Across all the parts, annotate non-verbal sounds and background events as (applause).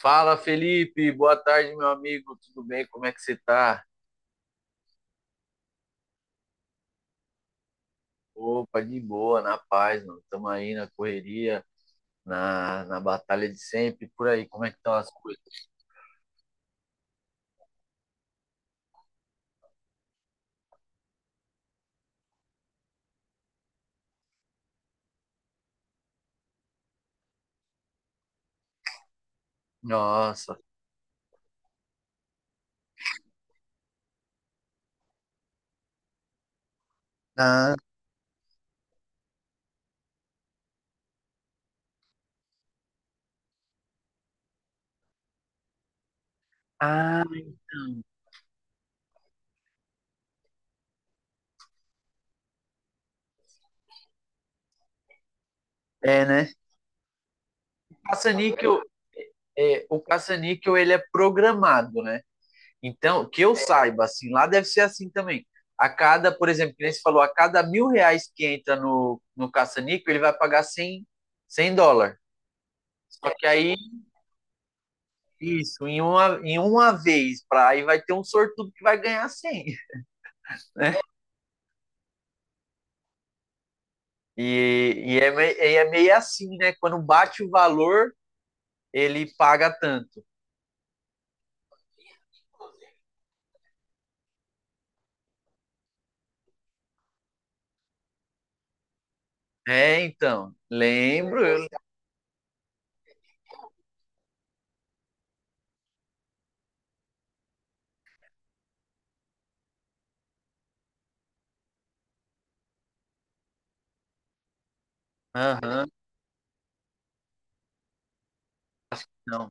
Fala, Felipe. Boa tarde, meu amigo. Tudo bem? Como é que você tá? Opa, de boa, na paz, mano. Estamos aí na correria, na batalha de sempre. Por aí, como é que estão as coisas? Nossa. Ah, ah, então. É, né? caça-níquel, É, o caça-níquel, ele é programado, né? Então, que eu saiba, assim, lá deve ser assim também. A cada, por exemplo, que nem você falou, a cada R$ 1.000 que entra no caça-níquel, ele vai pagar cem dólares. Só que aí isso, em uma vez, aí vai ter um sortudo que vai ganhar 100, né? É meio assim, né? Quando bate o valor, ele paga tanto. É, então, lembro. Aham, não.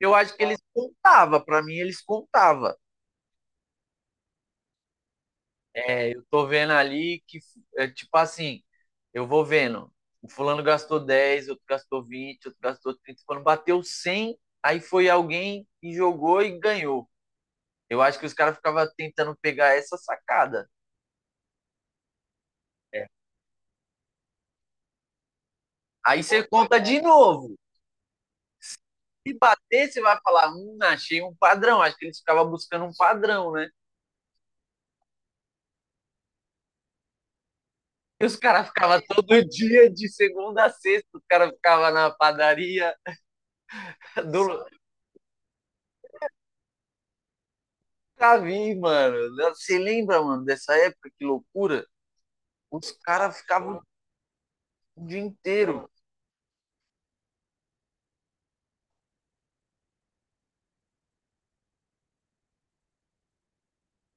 Eu acho que eles contavam, pra mim eles contavam. É, eu tô vendo ali que, é, tipo assim, eu vou vendo, o fulano gastou 10, outro gastou 20, outro gastou 30, quando bateu 100, aí foi alguém e jogou e ganhou. Eu acho que os caras ficavam tentando pegar essa sacada. É. Aí você conta de novo. Se bater, você vai falar, achei um padrão. Acho que eles ficavam buscando um padrão, né? E os caras ficavam todo (laughs) dia, de segunda a sexta, os caras ficavam na padaria do. Nunca vi, mano. Você lembra, mano, dessa época? Que loucura. Os caras ficavam o dia inteiro.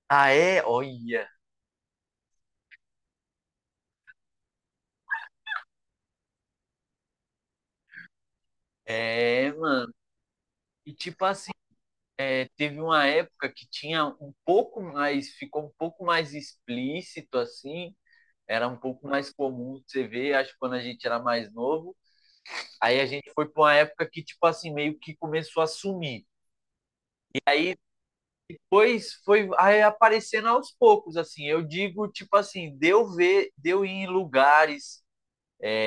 Ah, é? Olha. É, mano. E tipo assim, é, teve uma época que tinha um pouco mais, ficou um pouco mais explícito assim, era um pouco mais comum você ver, acho que quando a gente era mais novo. Aí a gente foi para uma época que, tipo assim, meio que começou a sumir. Aí depois foi aí aparecendo aos poucos, assim. Eu digo, tipo assim, deu ver, deu ir em lugares,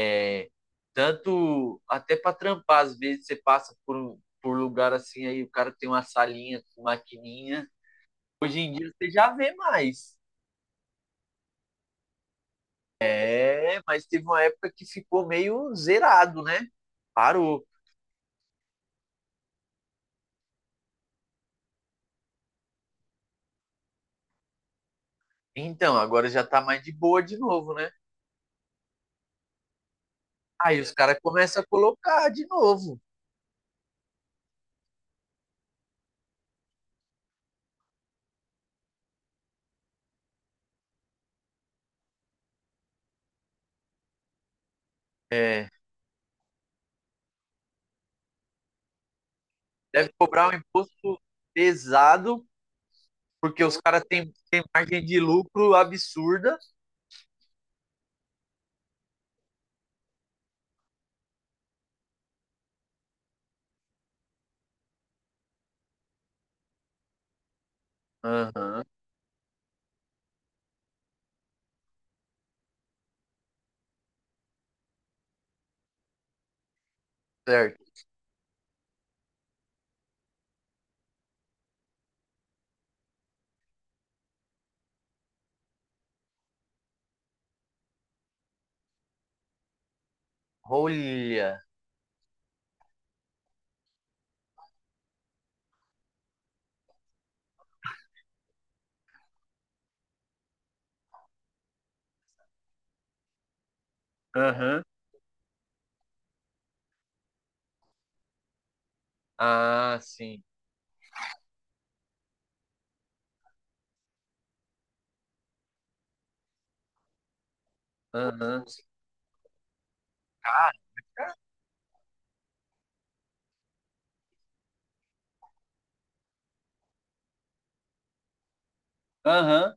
é, tanto até para trampar, às vezes você passa por lugar assim, aí o cara tem uma salinha com maquininha. Hoje em dia você já vê mais. É, mas teve uma época que ficou meio zerado, né? Parou. Então, agora já tá mais de boa de novo, né? Aí os caras começam a colocar de novo. É, deve cobrar um imposto pesado, porque os caras têm margem de lucro absurda. Aham, certo. Olha. Aham. Ah, sim. Aham. Cara, aham.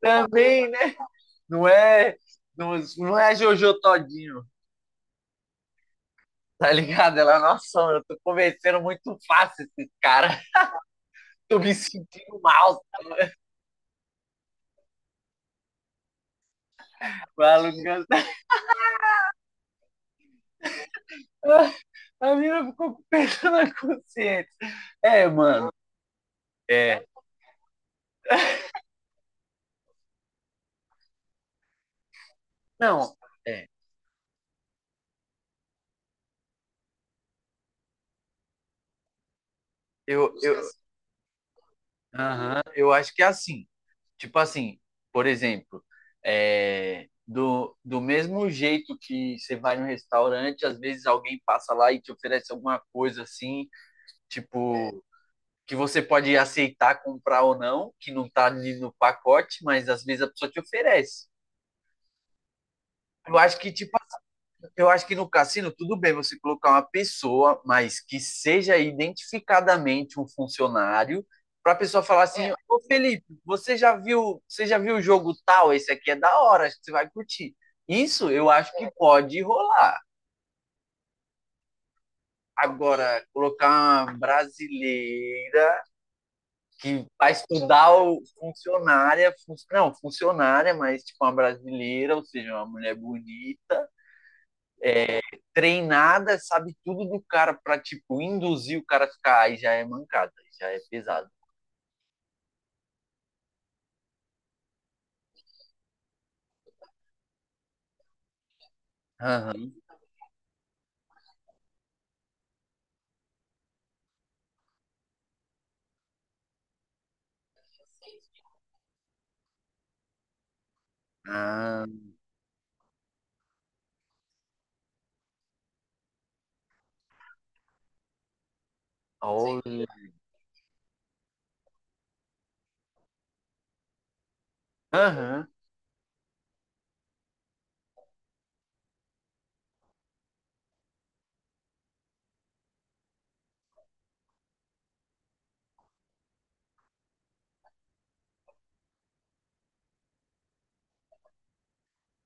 Também, né? Não é, não, não é Jojo Todinho. Tá ligado? Ela, nossa, eu tô convencendo muito fácil esses caras. Tô me sentindo mal, tá? Maluco. A mina ficou com o peso na consciência. É, mano. É. Não, é. Eu, eu, aham, eu acho que é assim. Tipo assim, por exemplo, é, do mesmo jeito que você vai no restaurante, às vezes alguém passa lá e te oferece alguma coisa assim, tipo, que você pode aceitar comprar ou não, que não tá ali no pacote, mas às vezes a pessoa te oferece. Eu acho que, tipo, eu acho que no cassino, tudo bem você colocar uma pessoa, mas que seja identificadamente um funcionário, para a pessoa falar assim, Ô Felipe, você já viu o jogo tal? Esse aqui é da hora, acho que você vai curtir. Isso eu acho que pode rolar. Agora, colocar uma brasileira que vai estudar o funcionária, não, funcionária, mas tipo uma brasileira, ou seja, uma mulher bonita, treinada, sabe tudo do cara pra tipo induzir o cara a ficar, aí já é mancada, já é pesado. Aham. Ah, olha. Aham.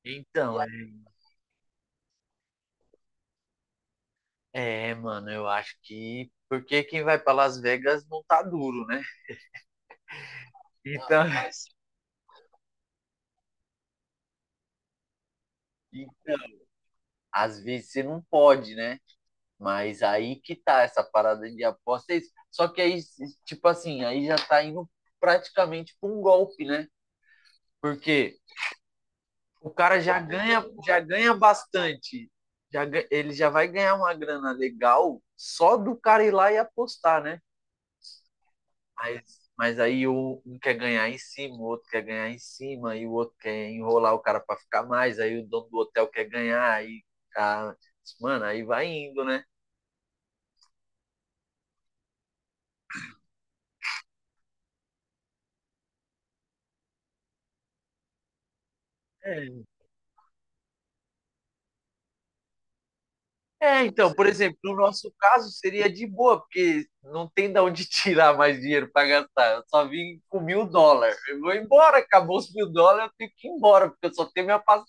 Então, é, mano, eu acho que porque quem vai pra Las Vegas não tá duro, né? Então, (laughs) então, às vezes você não pode, né? Mas aí que tá essa parada de apostas. Só que aí, tipo assim, aí já tá indo praticamente para um golpe, né? Porque o cara já ganha bastante. Ele já vai ganhar uma grana legal só do cara ir lá e apostar, né? Mas, mas aí um quer ganhar em cima, o outro quer ganhar em cima, e o outro quer enrolar o cara para ficar mais, aí o dono do hotel quer ganhar, aí, a- mano, aí vai indo, né? É, É, então, por exemplo, no nosso caso seria de boa, porque não tem de onde (laughs) tirar mais dinheiro para gastar. Eu só vim com US$ 1.000. Eu vou embora, acabou os US$ 1.000, eu tenho que ir embora, porque eu só tenho minha passagem.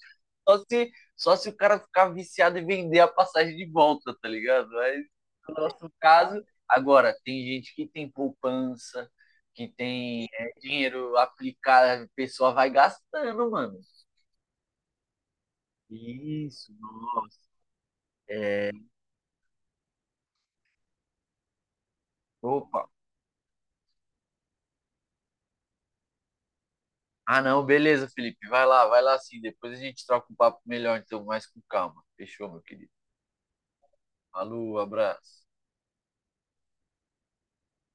Só se o cara ficar viciado e vender a passagem de volta, tá ligado? Mas no nosso caso, agora, tem gente que tem poupança, que tem dinheiro aplicado, a pessoa vai gastando, mano. Isso, nossa. É, opa, ah, não, beleza, Felipe. Vai lá sim. Depois a gente troca um papo melhor, então, mais com calma. Fechou, meu querido. Falou, abraço.